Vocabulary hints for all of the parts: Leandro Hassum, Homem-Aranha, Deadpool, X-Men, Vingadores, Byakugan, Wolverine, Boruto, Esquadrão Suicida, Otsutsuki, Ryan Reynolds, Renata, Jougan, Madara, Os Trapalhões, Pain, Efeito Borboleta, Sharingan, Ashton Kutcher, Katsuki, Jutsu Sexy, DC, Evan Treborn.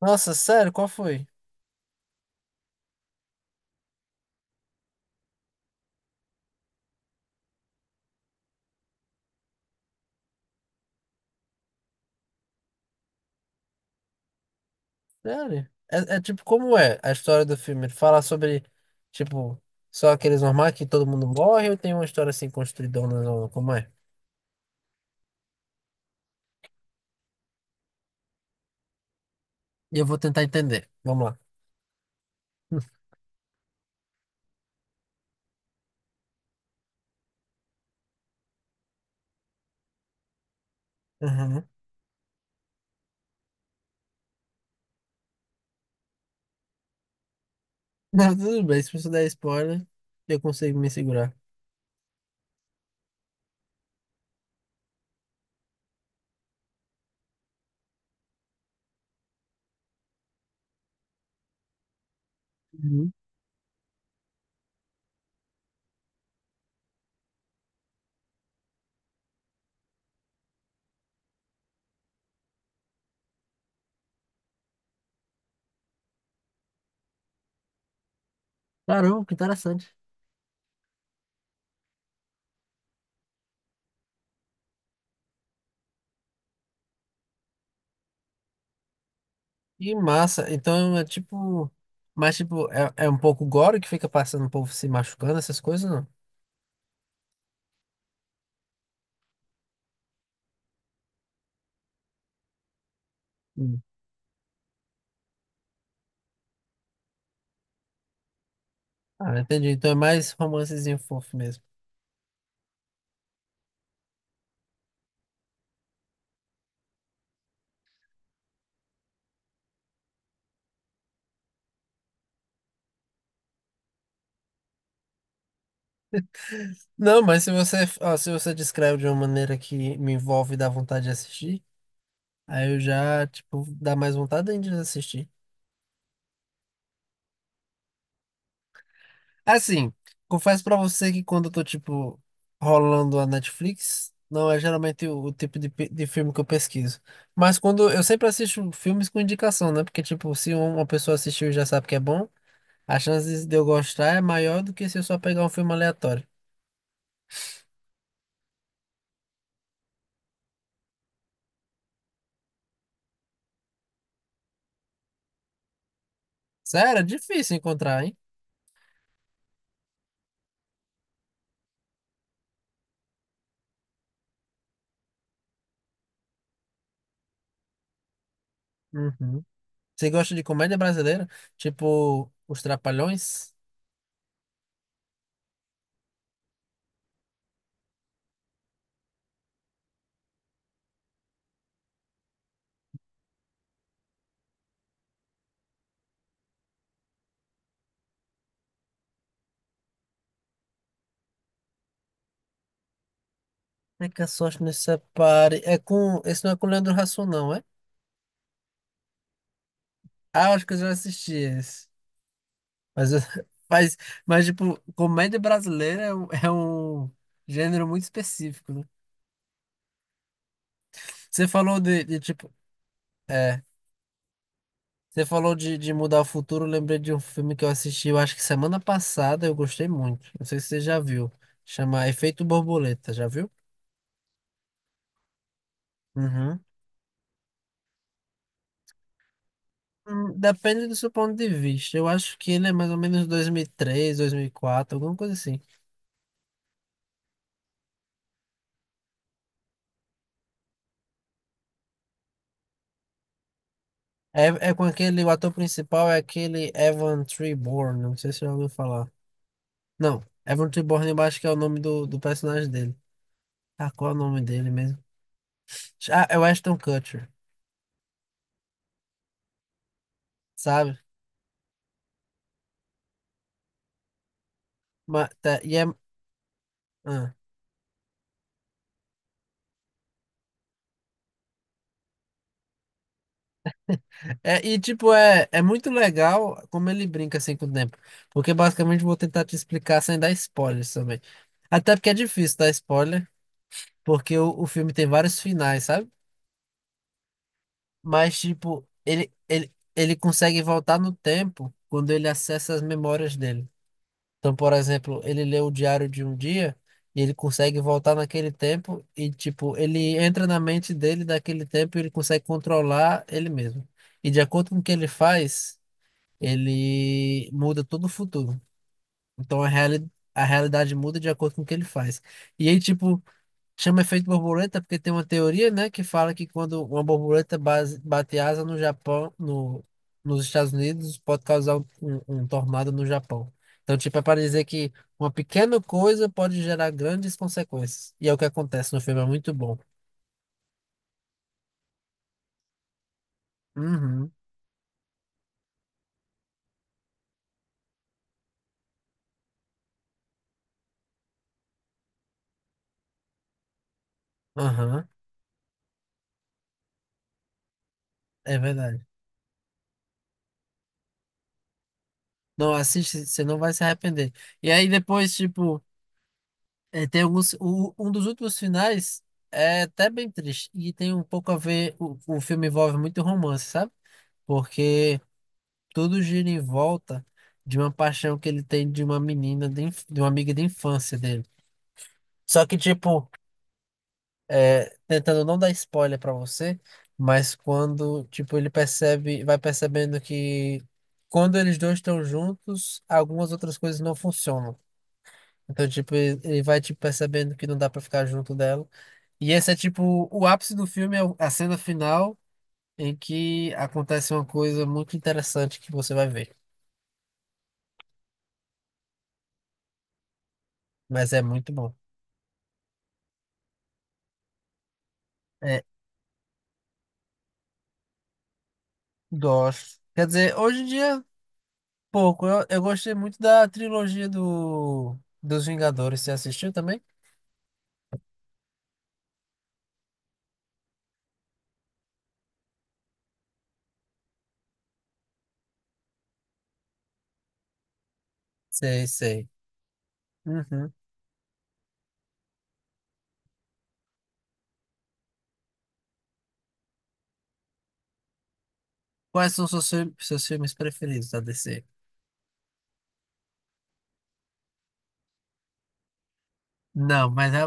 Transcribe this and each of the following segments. Nossa, sério? Qual foi? Sério? Tipo como é a história do filme? Ele fala sobre, tipo, só aqueles normais que todo mundo morre ou tem uma história assim construidona? Não? Como é? E eu vou tentar entender. Vamos lá. Uhum. Não, tudo bem, se você der spoiler, eu consigo me segurar. Uhum. Caramba, que interessante. Que massa. Então é tipo. Mas tipo, é um pouco gore que fica passando o povo se machucando, essas coisas, não? Hum. Ah, entendi. Então é mais romancezinho fofo mesmo. Não, mas se você, ó, se você descreve de uma maneira que me envolve e dá vontade de assistir, aí eu já, tipo, dá mais vontade ainda de assistir. Assim, confesso pra você que quando eu tô, tipo, rolando a Netflix, não é geralmente o tipo de, de filme que eu pesquiso. Mas quando eu sempre assisto filmes com indicação, né? Porque, tipo, se uma pessoa assistiu e já sabe que é bom, a chance de eu gostar é maior do que se eu só pegar um filme aleatório. Sério, é difícil encontrar, hein? Uhum. Você gosta de comédia brasileira? Tipo, Os Trapalhões? É que a sorte nos separe. É com. Esse não é com o Leandro Hassum, não, é? Ah, eu acho que eu já assisti esse. Mas, mas, mas tipo, comédia brasileira é um gênero muito específico, né? Você falou de, tipo. É. Você falou de mudar o futuro. Eu lembrei de um filme que eu assisti, eu acho que semana passada, eu gostei muito. Não sei se você já viu. Chama Efeito Borboleta, já viu? Uhum. Depende do seu ponto de vista. Eu acho que ele é mais ou menos 2003, 2004, alguma coisa assim. É, é com aquele, o ator principal é aquele Evan Treborn, não sei se você já ouviu falar. Não, Evan Treborn eu acho que é o nome do personagem dele. Ah, qual é o nome dele mesmo? Ah, é o Ashton Kutcher, sabe? Mas, tá, e é, ah. E tipo, é muito legal como ele brinca assim com o tempo. Porque basicamente eu vou tentar te explicar sem dar spoilers também. Até porque é difícil dar spoiler. Porque o filme tem vários finais, sabe? Mas, tipo, ele consegue voltar no tempo quando ele acessa as memórias dele. Então, por exemplo, ele lê o diário de um dia e ele consegue voltar naquele tempo e, tipo, ele entra na mente dele daquele tempo e ele consegue controlar ele mesmo. E de acordo com o que ele faz, ele muda todo o futuro. Então, a realidade muda de acordo com o que ele faz. E aí, tipo, chama efeito borboleta porque tem uma teoria, né, que fala que quando uma borboleta bate asa no Japão, no, nos Estados Unidos, pode causar um tornado no Japão. Então, tipo, é para dizer que uma pequena coisa pode gerar grandes consequências. E é o que acontece no filme, é muito bom. Uhum, aham, é verdade. Não, assiste, você não vai se arrepender. E aí depois, tipo, tem alguns, um dos últimos finais é até bem triste. E tem um pouco a ver, o filme envolve muito romance, sabe? Porque tudo gira em volta de uma paixão que ele tem de uma menina, de, de uma amiga de infância dele. Só que, tipo, é, tentando não dar spoiler pra você, mas quando, tipo, ele percebe, vai percebendo que quando eles dois estão juntos, algumas outras coisas não funcionam. Então, tipo, ele vai, tipo, percebendo que não dá pra ficar junto dela. E esse é, tipo, o ápice do filme, é a cena final em que acontece uma coisa muito interessante que você vai ver. Mas é muito bom. É, gosto. Quer dizer, hoje em dia, pouco. Eu gostei muito da trilogia dos Vingadores. Você assistiu também? Sei, sei. Uhum. Quais são seus, seus filmes preferidos da DC? Não,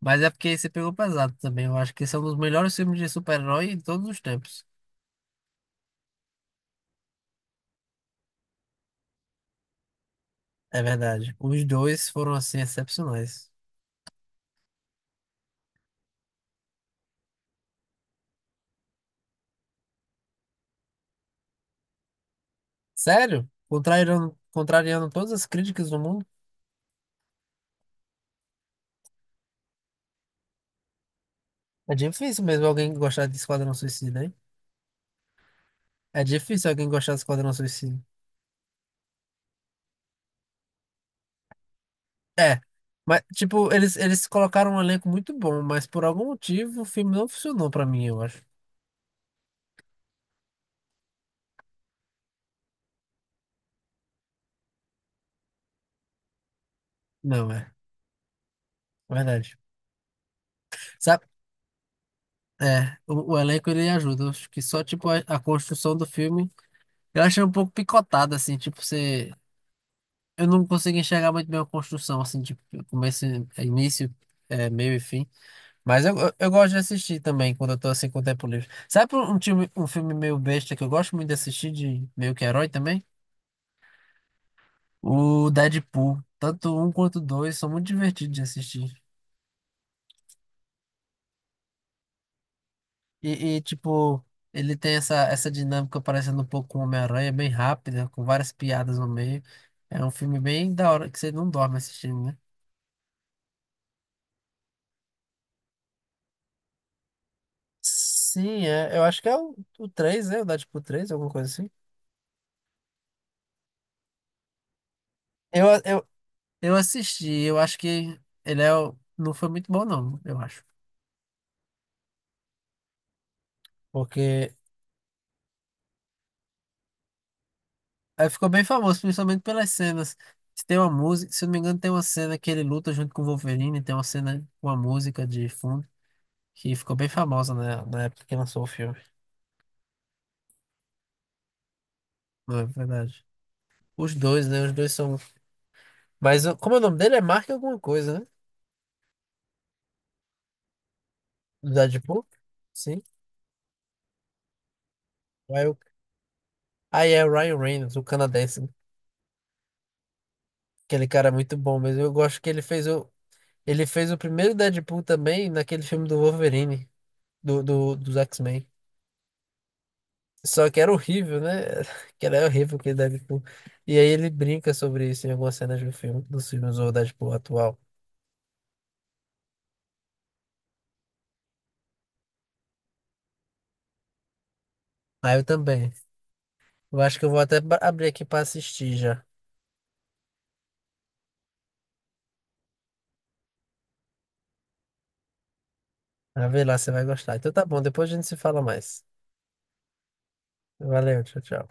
mas é porque você pegou pesado também. Eu acho que são os melhores filmes de super-herói em todos os tempos. É verdade. Os dois foram, assim, excepcionais. Sério? Contrariando todas as críticas do mundo? É difícil mesmo alguém gostar de Esquadrão Suicida, hein? É difícil alguém gostar de Esquadrão Suicida. É, mas tipo, eles colocaram um elenco muito bom, mas por algum motivo o filme não funcionou pra mim, eu acho. Não, é, é verdade. Sabe? É, o elenco ele ajuda. Eu acho que só tipo a construção do filme, eu achei um pouco picotada assim, tipo, você eu não consegui enxergar muito bem a construção assim, tipo, começo, início, é, meio e fim. Mas eu gosto de assistir também quando eu tô assim com o tempo livre. Sabe um filme meio besta que eu gosto muito de assistir de meio que herói também? O Deadpool, tanto um quanto dois, são muito divertidos de assistir. Tipo, ele tem essa dinâmica parecendo um pouco com Homem-Aranha, bem rápida, com várias piadas no meio. É um filme bem da hora que você não dorme assistindo, né? Sim, é, eu acho que é o 3, né? O Deadpool 3 alguma coisa assim. Eu, eu, eu assisti, eu acho que ele é, não foi muito bom, não, eu acho. Porque aí ficou bem famoso, principalmente pelas cenas. Se tem uma música, se eu não me engano, tem uma cena que ele luta junto com o Wolverine, tem uma cena, com uma música de fundo, que ficou bem famosa na época que lançou o filme. Não é verdade? Os dois, né? Os dois são. Mas como é o nome dele é Mark alguma coisa, né? Do Deadpool? Sim. Aí o- aí é o Ryan Reynolds, o canadense. Aquele cara é muito bom, mas eu gosto que ele fez o. Ele fez o primeiro Deadpool também naquele filme do Wolverine, dos X-Men. Só que era horrível, né? Que era horrível que ele Deadpool. E aí ele brinca sobre isso em algumas cenas do filme, dos filmes do Deadpool atual. Aí eu também. Eu acho que eu vou até abrir aqui pra assistir já. Pra ver lá você vai gostar. Então tá bom, depois a gente se fala mais. Valeu, tchau, tchau.